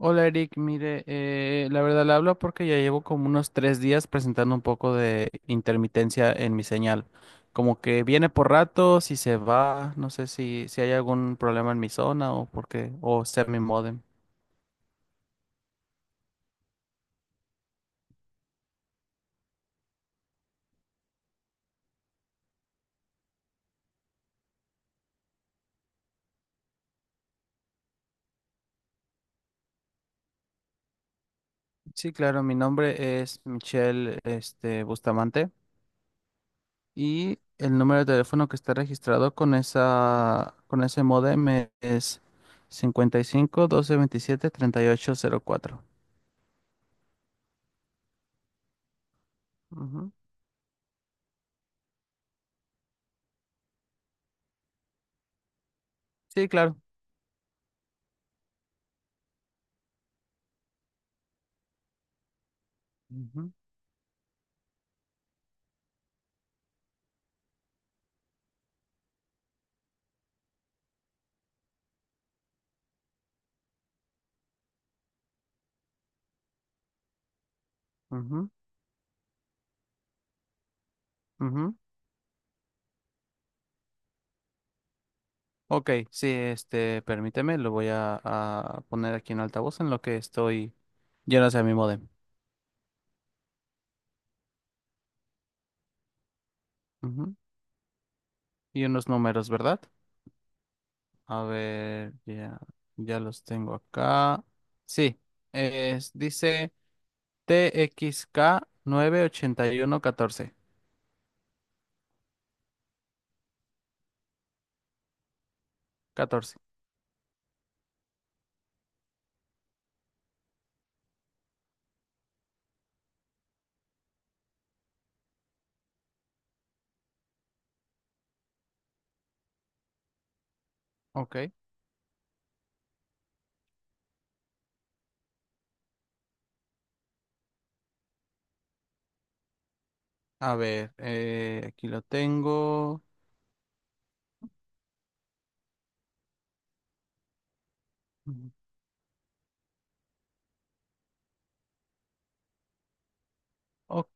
Hola Eric, mire, la verdad le hablo porque ya llevo como unos 3 días presentando un poco de intermitencia en mi señal. Como que viene por ratos y se va, no sé si hay algún problema en mi zona o por qué, o sea mi módem. Sí, claro, mi nombre es Michelle, Bustamante y el número de teléfono que está registrado con ese módem es 55 1227 3804. Ujú. Sí, claro. Ujú, ujú. Ujú. Ok, sí, permíteme, lo voy a poner aquí en altavoz en lo que estoy lleno hacia mi modem. Ujú. Y unos números, ¿verdad? A ver, ya los tengo acá. Sí, dice T X K 98114 catorce. Ok, a ver, aquí lo tengo. Ujú. Ok,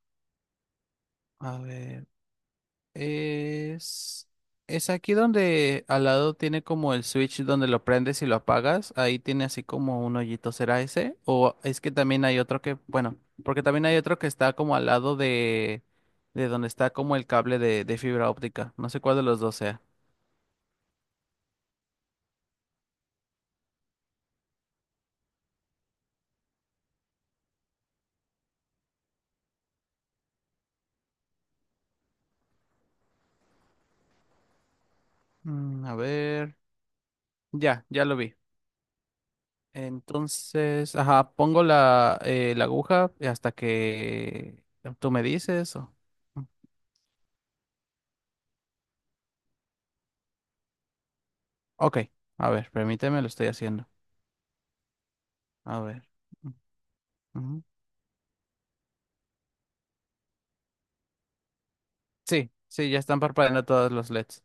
a ver. Es, es aquí donde al lado tiene como el switch donde lo prendes y lo apagas. Ahí tiene así como un hoyito. ¿Será ese? O es que también hay otro bueno, porque también hay otro que está como al lado de donde está como el cable de fibra óptica. No sé cuál de los dos sea. A ver. Ya lo vi. Entonces, ajá, pongo la aguja hasta que tú me dices. Ok, a ver, permíteme, lo estoy haciendo. A ver. Ujú, sí, sí, ya están parpadeando todos los LEDs.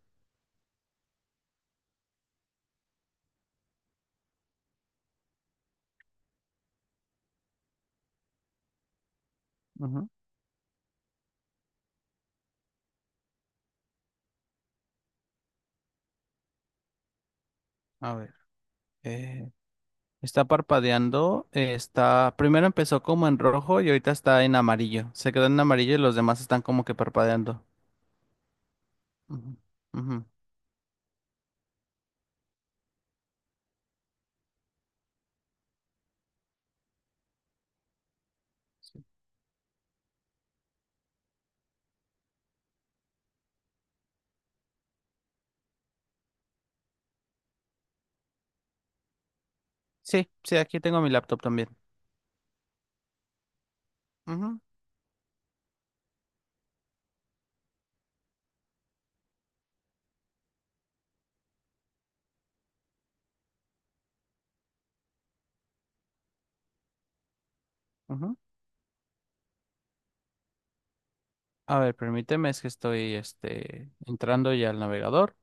Ujú. A ver, eh, está parpadeando, primero empezó como en rojo y ahorita está en amarillo. Se quedó en amarillo y los demás están como que parpadeando. Ujú. Ujú. Sí, sí, aquí tengo mi laptop también. Ujú, ujú. A ver, permíteme, es que estoy entrando ya al navegador.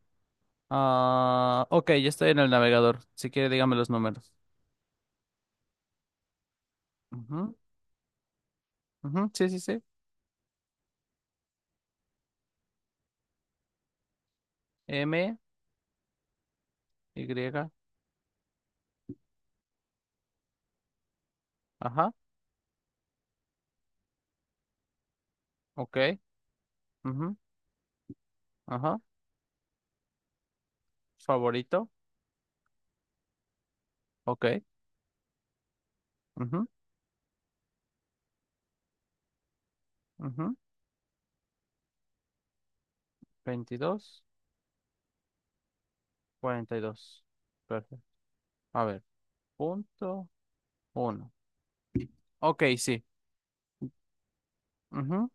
Ah, ok, ya estoy en el navegador. Si quiere, dígame los números. Ujú, ujú, sí, sí, sí. M, Y, ajá, ok. Ujú. Ajá. Favorito. Ok. Ujú, ujú. Veintidós, cuarenta y dos. Perfecto. A ver. Punto uno. Ok, sí. Ujú.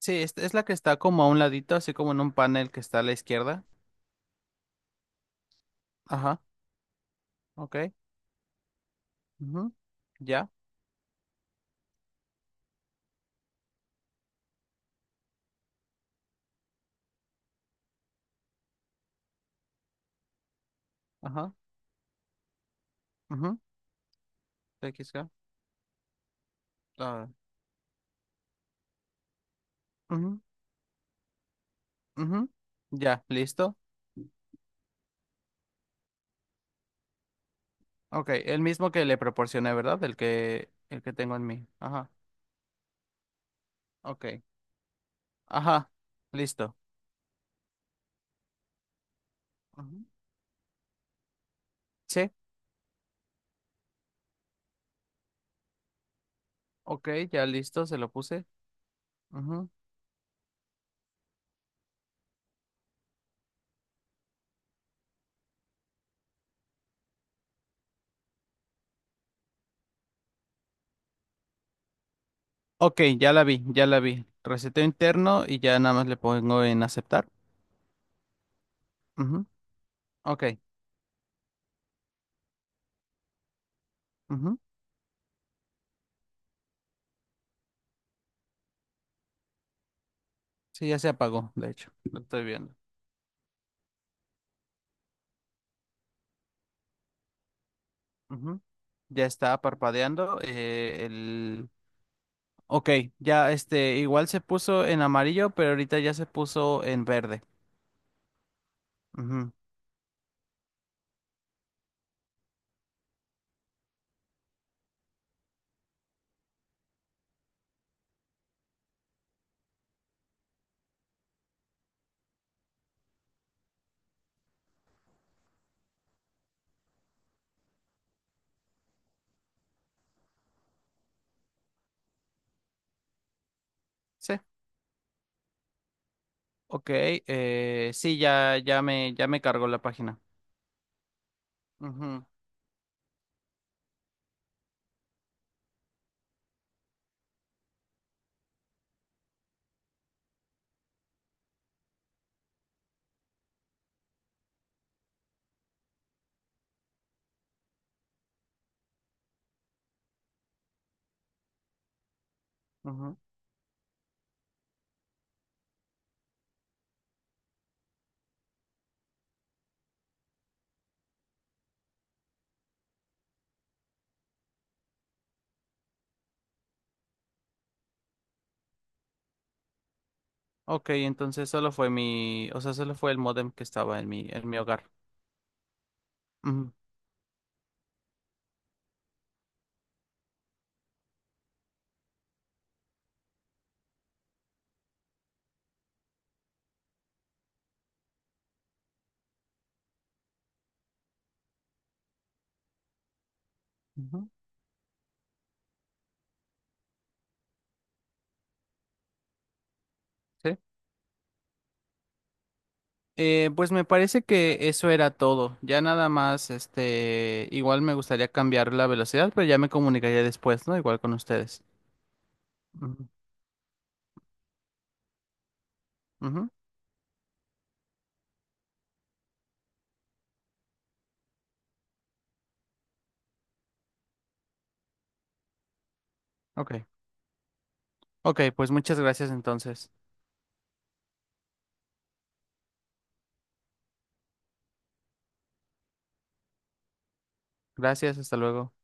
Sí, es la que está como a un ladito, así como en un panel que está a la izquierda. Ajá. Ok. Ujú. Ya. Ajá. Ujú. TXK. Ah, ujú, ujú. Ya. Listo. Ok. El mismo que le proporcioné, ¿verdad? El que tengo en mí. Ajá. Ok. Ajá. Listo. Ujú. Sí. Ok, ya listo, se lo puse. Ujú. Ok, ya la vi, ya la vi. Reseteo interno y ya nada más le pongo en aceptar. Ujú, ok, ujú. Sí, ya se apagó, de hecho, lo estoy viendo. Ujú, ya está parpadeando. Ok, ya igual se puso en amarillo, pero ahorita ya se puso en verde. Ujú, sí, ok, sí, ya me cargó la página. Ujú, ujú. Ok, entonces solo fue o sea, solo fue el modem que estaba en mi hogar. Ujú, ujú, sí. Pues me parece que eso era todo. Ya nada más, igual me gustaría cambiar la velocidad, pero ya me comunicaría después, ¿no? Igual con ustedes. Ujú, ujú, ok, ok, pues muchas gracias entonces. Gracias, hasta luego.